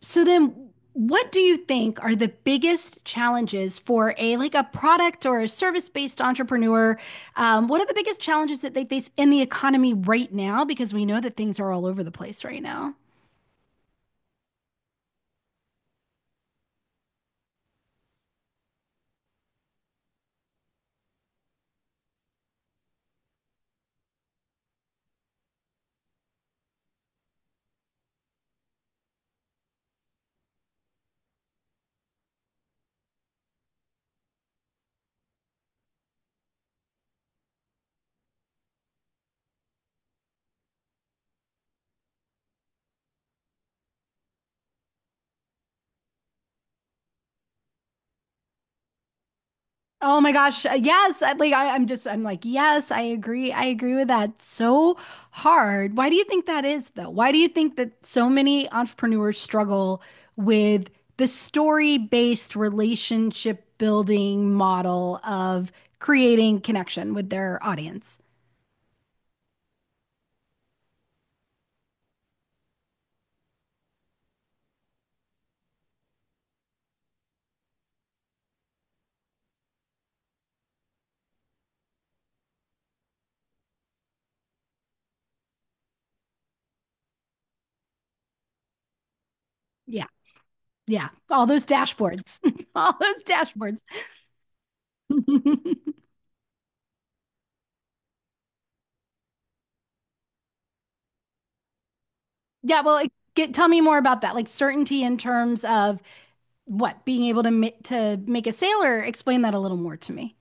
So then, what do you think are the biggest challenges for a a product or a service-based entrepreneur? What are the biggest challenges that they face in the economy right now? Because we know that things are all over the place right now. Oh my gosh. Yes. I, like I, I'm just, I'm like, Yes, I agree. I agree with that. So hard. Why do you think that is, though? Why do you think that so many entrepreneurs struggle with the story-based relationship building model of creating connection with their audience? Yeah. Yeah. All those dashboards. All those dashboards. Yeah. Well, tell me more about that. Like certainty in terms of what being able to make a sailor explain that a little more to me.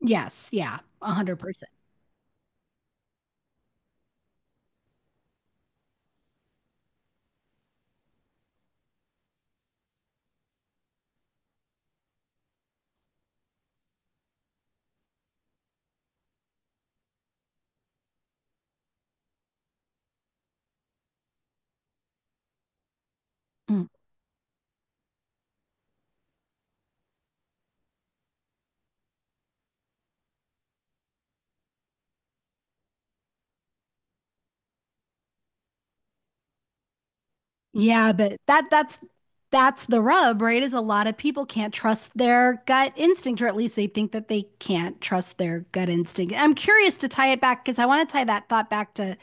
Yes, yeah, 100%. Mm. Yeah, but that's the rub, right? Is a lot of people can't trust their gut instinct, or at least they think that they can't trust their gut instinct. I'm curious to tie it back, because I want to tie that thought back to,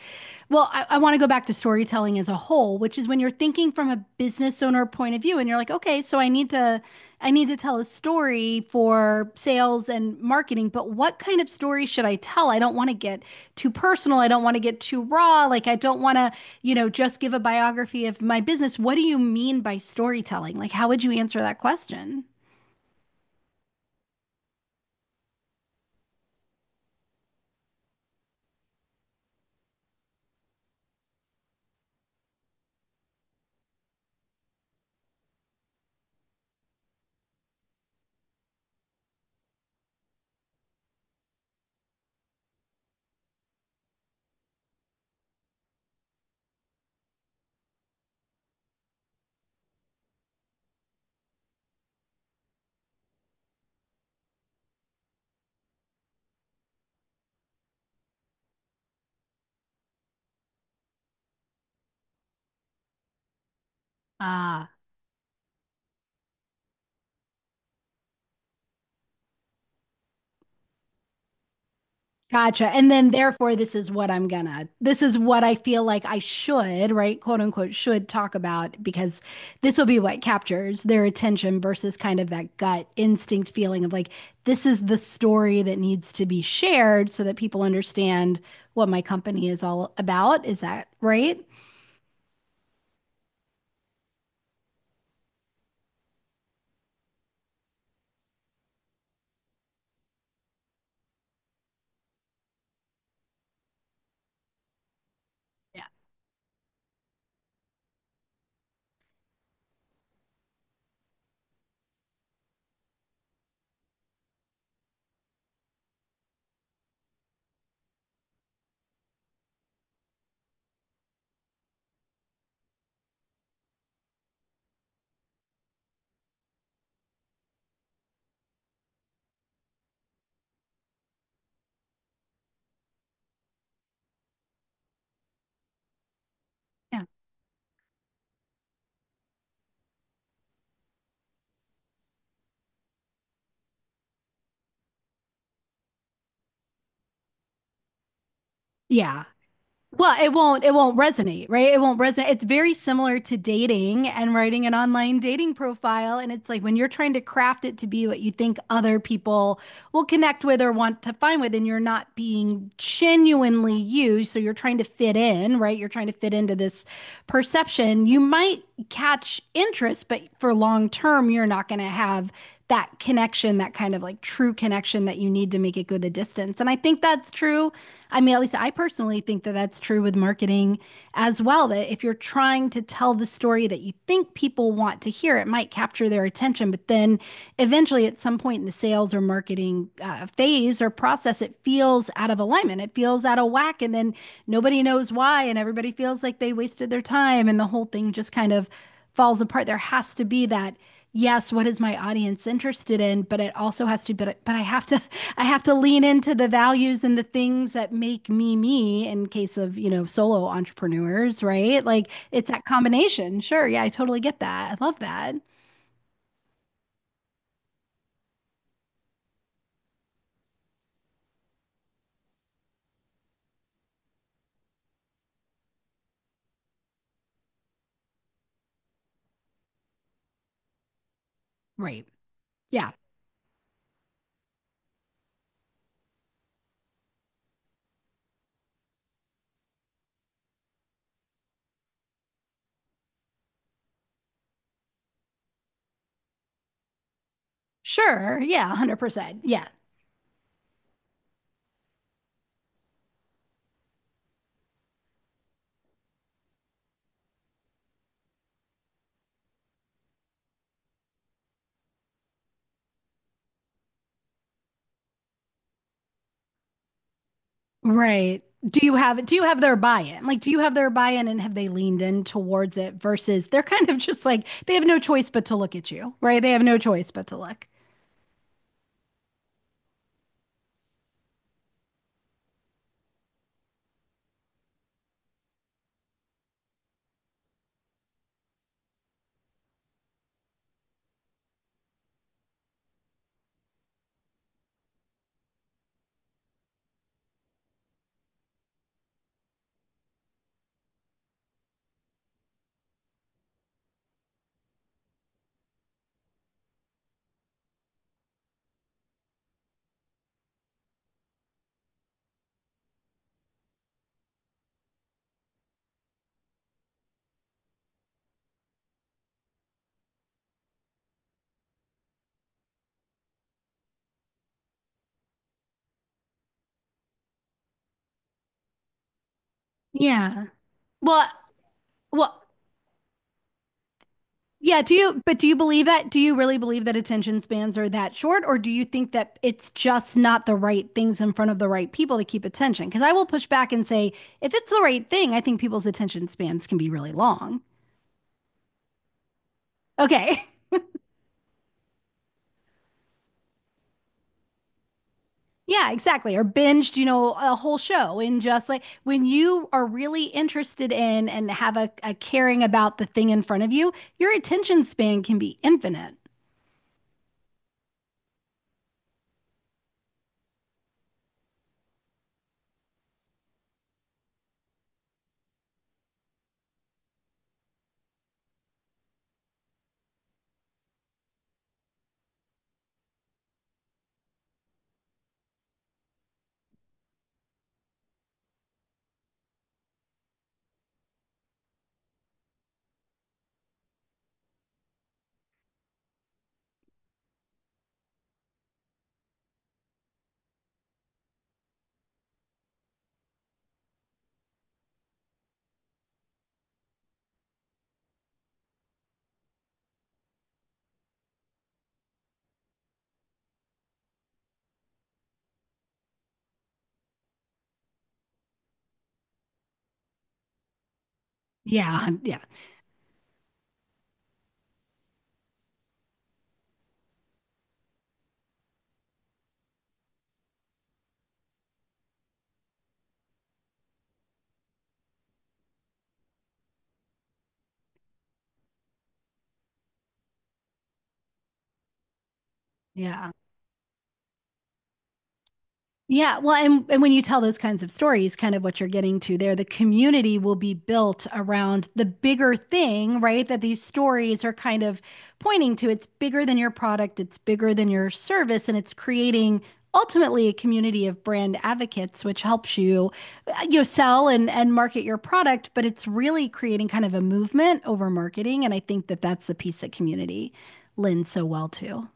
well I want to go back to storytelling as a whole, which is when you're thinking from a business owner point of view and you're like, okay, so I need to, I need to tell a story for sales and marketing, but what kind of story should I tell? I don't want to get too personal. I don't want to get too raw. Like I don't want to, you know, just give a biography of my business. What do you mean by storytelling? Like how would you answer that question? Ah. Gotcha. And then therefore this is what I feel like I should, right? Quote unquote, should talk about, because this will be what captures their attention versus kind of that gut instinct feeling of like, this is the story that needs to be shared so that people understand what my company is all about. Is that right? Yeah. Yeah. Yeah. Well, it won't resonate, right? It won't resonate. It's very similar to dating and writing an online dating profile, and it's like when you're trying to craft it to be what you think other people will connect with or want to find with, and you're not being genuinely you. So you're trying to fit in, right? You're trying to fit into this perception. You might catch interest, but for long term, you're not going to have that connection, that kind of like true connection that you need to make it go the distance. And I think that's true. I mean, at least I personally think that that's true with marketing as well. That if you're trying to tell the story that you think people want to hear, it might capture their attention, but then if eventually at some point in the sales or marketing phase or process, it feels out of alignment, it feels out of whack, and then nobody knows why and everybody feels like they wasted their time and the whole thing just kind of falls apart. There has to be that, yes, what is my audience interested in, but it also has to, but I have to I have to lean into the values and the things that make me me, in case of, you know, solo entrepreneurs, right? Like it's that combination. Sure, yeah, I totally get that, I love that. Right, yeah. Sure. Yeah, 100%. Yeah. Right. Do you have their buy-in? Like do you have their buy-in and have they leaned in towards it, versus they're kind of just like they have no choice but to look at you, right? They have no choice but to look. Yeah. Well, well, yeah, do you believe that? Do you really believe that attention spans are that short, or do you think that it's just not the right things in front of the right people to keep attention? Because I will push back and say, if it's the right thing, I think people's attention spans can be really long. Okay. Yeah, exactly. Or binged, you know, a whole show. In just like when you are really interested in and have a caring about the thing in front of you, your attention span can be infinite. Yeah, yeah, yeah. Yeah, well, and when you tell those kinds of stories, kind of what you're getting to there, the community will be built around the bigger thing, right? That these stories are kind of pointing to. It's bigger than your product, it's bigger than your service, and it's creating ultimately a community of brand advocates, which helps you, you know, sell and market your product, but it's really creating kind of a movement over marketing, and I think that that's the piece that community lends so well to.